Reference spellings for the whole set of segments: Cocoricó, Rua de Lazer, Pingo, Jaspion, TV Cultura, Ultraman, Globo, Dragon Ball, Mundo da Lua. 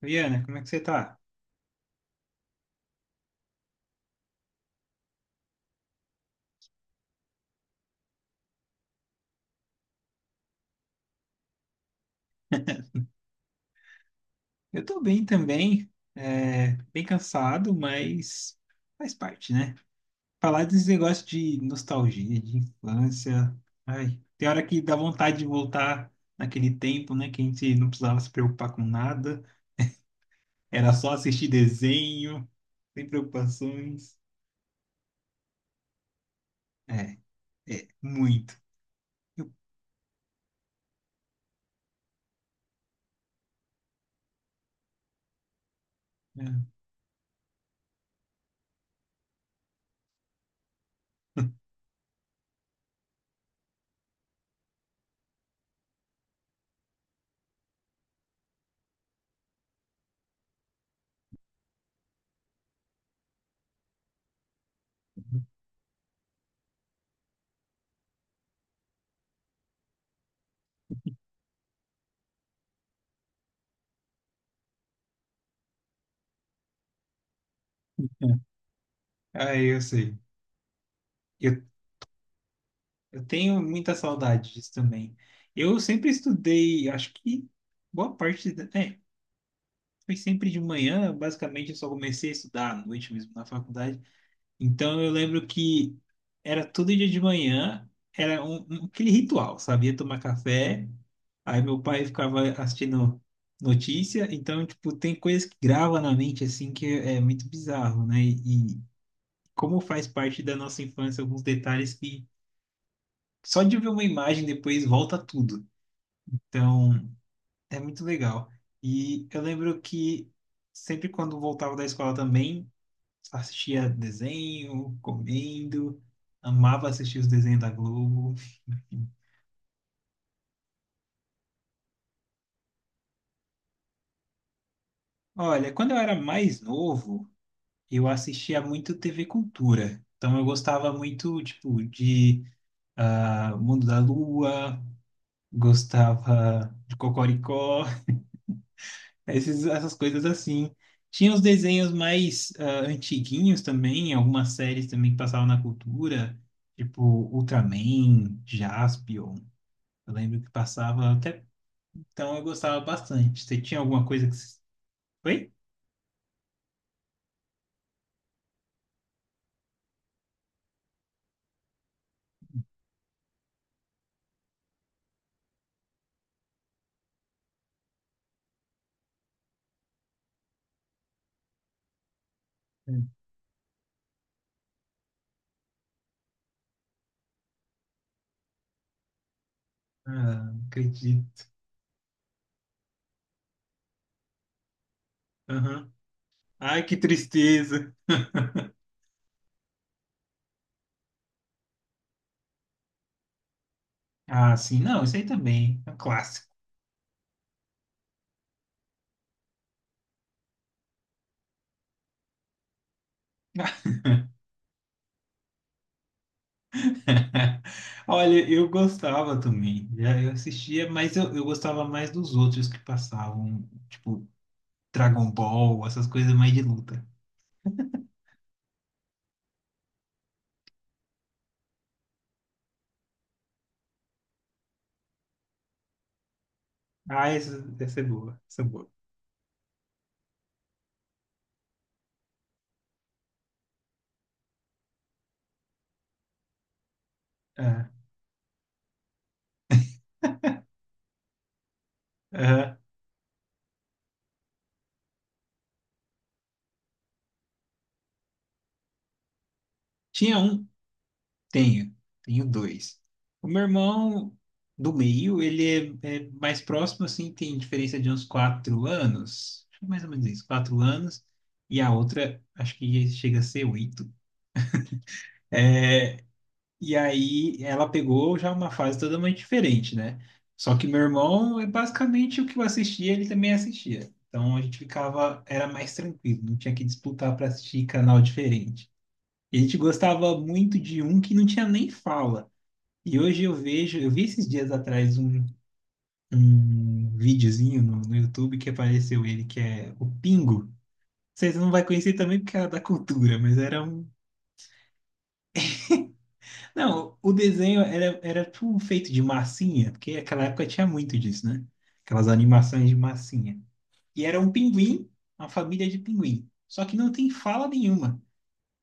Viana, como é que você tá? Eu tô bem também, bem cansado, mas faz parte, né? Falar desse negócio de nostalgia, de infância, ai, tem hora que dá vontade de voltar naquele tempo, né? Que a gente não precisava se preocupar com nada, era só assistir desenho, sem preocupações. É, é, muito. Eu- é. Ai, eu sei. Eu Eu tenho muita saudade disso também. Eu sempre estudei, acho que boa parte da, foi sempre de manhã, basicamente eu só comecei a estudar à noite mesmo na faculdade. Então eu lembro que era todo dia de manhã, era aquele ritual, sabia? Tomar café, aí meu pai ficava assistindo notícia, então tipo tem coisas que grava na mente assim que é muito bizarro, né? E como faz parte da nossa infância alguns detalhes que só de ver uma imagem depois volta tudo. Então, é muito legal. E eu lembro que sempre quando voltava da escola também, assistia desenho, comendo, amava assistir os desenhos da Globo. Olha, quando eu era mais novo, eu assistia muito TV Cultura. Então eu gostava muito, tipo, de Mundo da Lua, gostava de Cocoricó. Essas coisas assim. Tinha os desenhos mais antiguinhos também, algumas séries também que passavam na cultura, tipo Ultraman, Jaspion. Eu lembro que passava até. Então eu gostava bastante. Você tinha alguma coisa que. Foi? Ah, não acredito. Aham. Ai, que tristeza. Ah, sim, não, isso aí também. É um clássico. Olha, eu gostava também. Já eu assistia, mas eu gostava mais dos outros que passavam, tipo Dragon Ball, essas coisas mais de luta. Ah, essa é boa, essa é boa. Ah, aham. Tinha um? Tenho, tenho dois. O meu irmão do meio, ele é mais próximo, assim, tem diferença de uns quatro anos, acho que mais ou menos isso, quatro anos, e a outra, acho que chega a ser oito. E aí ela pegou já uma fase totalmente diferente, né? Só que meu irmão, é basicamente o que eu assistia, ele também assistia. Então a gente ficava, era mais tranquilo, não tinha que disputar para assistir canal diferente. E a gente gostava muito de um que não tinha nem fala. E hoje eu vejo, eu vi esses dias atrás um videozinho no YouTube que apareceu ele, que é o Pingo. Vocês não vai conhecer também porque era da cultura, mas era um. Não, o desenho era tudo feito de massinha, porque naquela época tinha muito disso, né? Aquelas animações de massinha. E era um pinguim, uma família de pinguim. Só que não tem fala nenhuma.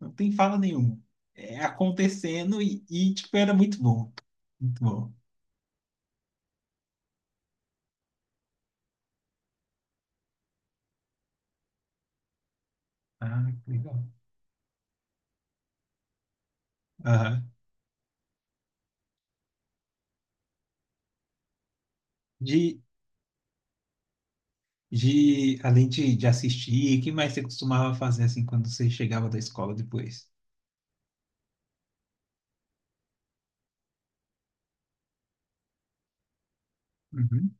Não tem fala nenhuma. É acontecendo tipo, era muito bom. Muito bom. Ah, que legal. Aham. De, além de assistir, o que mais você costumava fazer, assim, quando você chegava da escola depois? Uhum.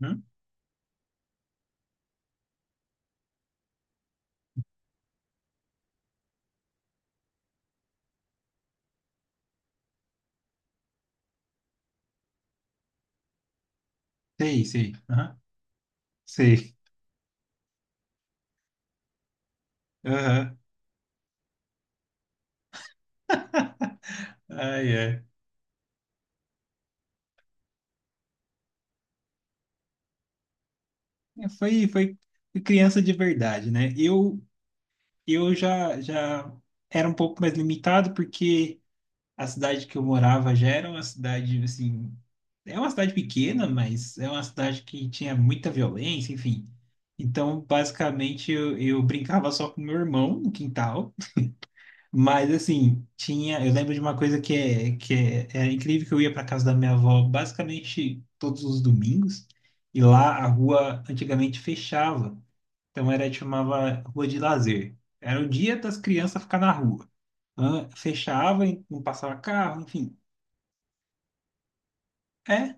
Uhum. Sei, sei. Aham. Sei. Aham. Ai, ai. É, foi, foi criança de verdade, né? Eu já, já era um pouco mais limitado, porque a cidade que eu morava já era uma cidade, assim, é uma cidade pequena, mas é uma cidade que tinha muita violência, enfim. Então, basicamente, eu brincava só com meu irmão no quintal, mas, assim, tinha. Eu lembro de uma coisa era incrível, que eu ia para casa da minha avó basicamente todos os domingos, e lá a rua antigamente fechava. Então era chamava Rua de Lazer. Era o dia das crianças ficar na rua. Hã? Fechava, e não passava carro, enfim. É,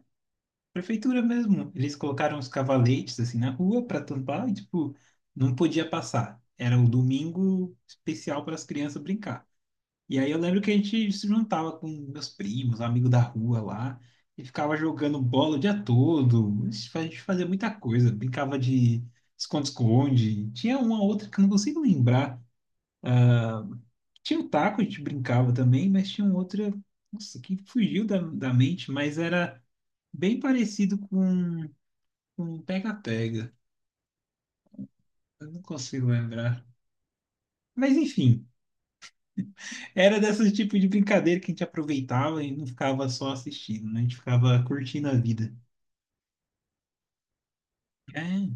prefeitura mesmo. Eles colocaram os cavaletes assim na rua para tampar e tipo não podia passar. Era um domingo especial para as crianças brincar. E aí eu lembro que a gente se juntava com meus primos, amigos da rua lá, e ficava jogando bola o dia todo. A gente fazia muita coisa, brincava de esconde-esconde. Tinha uma outra que eu não consigo lembrar. Tinha o taco, a gente brincava também, mas tinha um outro, nossa, que fugiu da mente, mas era bem parecido com um pega-pega. Eu não consigo lembrar. Mas enfim, era desse tipo de brincadeira que a gente aproveitava e não ficava só assistindo, né? A gente ficava curtindo a vida. É.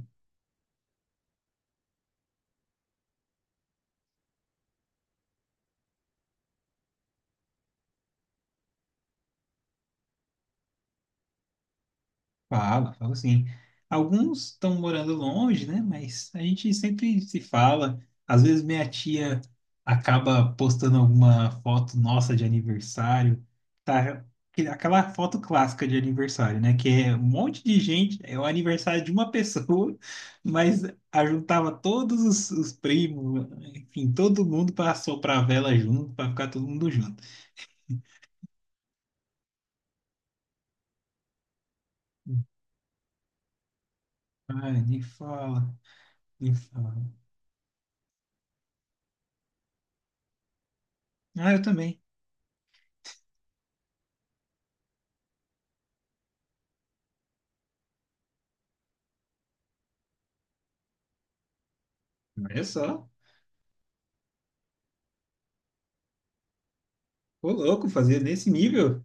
Fala, fala sim. Alguns estão morando longe, né? Mas a gente sempre se fala. Às vezes minha tia acaba postando alguma foto nossa de aniversário. Tá? Aquela foto clássica de aniversário, né? Que é um monte de gente, é o aniversário de uma pessoa, mas ajuntava todos os primos, enfim, todo mundo para soprar a vela junto, para ficar todo mundo junto. Ah, nem fala, nem fala. Ah, eu também. Olha só. Ô, louco, fazia nesse nível.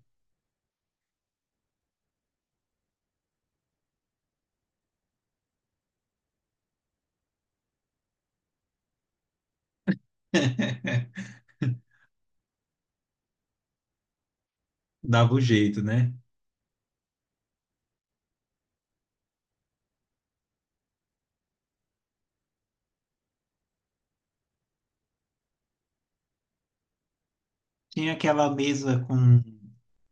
Dava o jeito, né? Tinha aquela mesa com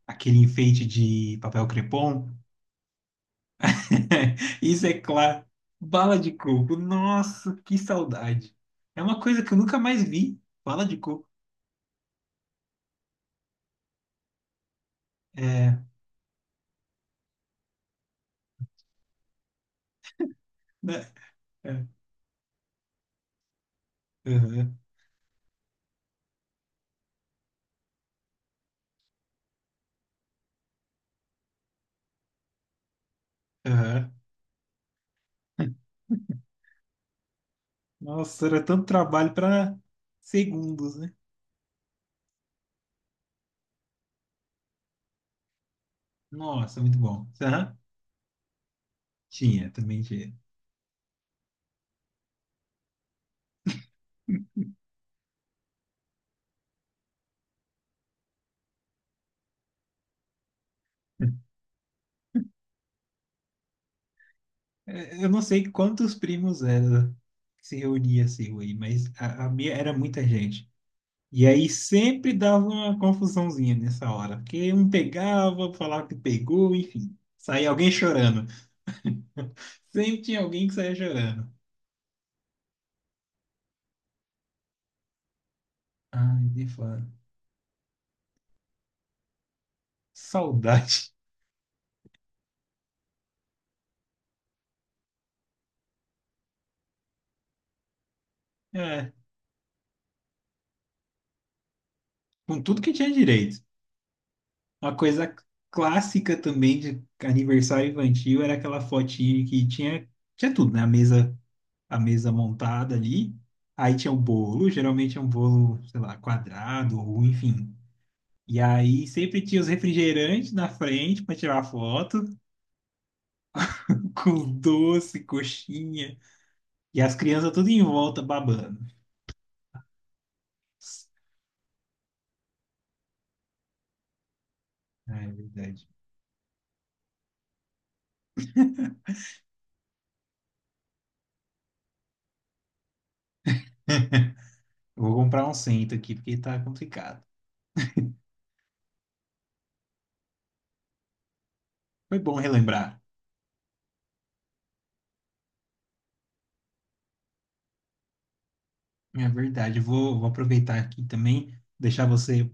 aquele enfeite de papel crepom. Isso é claro. Bala de coco. Nossa, que saudade. É uma coisa que eu nunca mais vi. Bala de coco. É. Né? É. Aham, aham. Nossa, era tanto trabalho para segundos, né? Nossa, muito bom. Aham. Tinha, também tinha. É, eu não sei quantos primos era que se reunia assim aí, mas a minha era muita gente. E aí sempre dava uma confusãozinha nessa hora, porque um pegava, falava que pegou, enfim, saía alguém chorando. Sempre tinha alguém que saía chorando. Ai, de fala. Saudade. É, com tudo que tinha direito. Uma coisa clássica também de aniversário infantil era aquela fotinha que tinha, tinha tudo, né? A mesa montada ali. Aí tinha o bolo, geralmente é um bolo, sei lá, quadrado ou enfim. E aí sempre tinha os refrigerantes na frente para tirar foto, com doce, coxinha, e as crianças tudo em volta babando. Ah, é verdade. Eu vou comprar um cento aqui, porque tá complicado. Foi bom relembrar. É verdade. Eu vou aproveitar aqui também, deixar você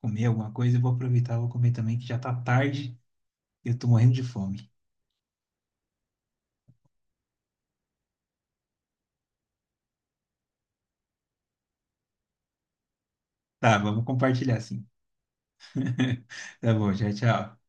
comer alguma coisa e vou aproveitar, vou comer também, que já tá tarde e eu tô morrendo de fome. Tá, vamos compartilhar sim. Tá bom, tchau, tchau.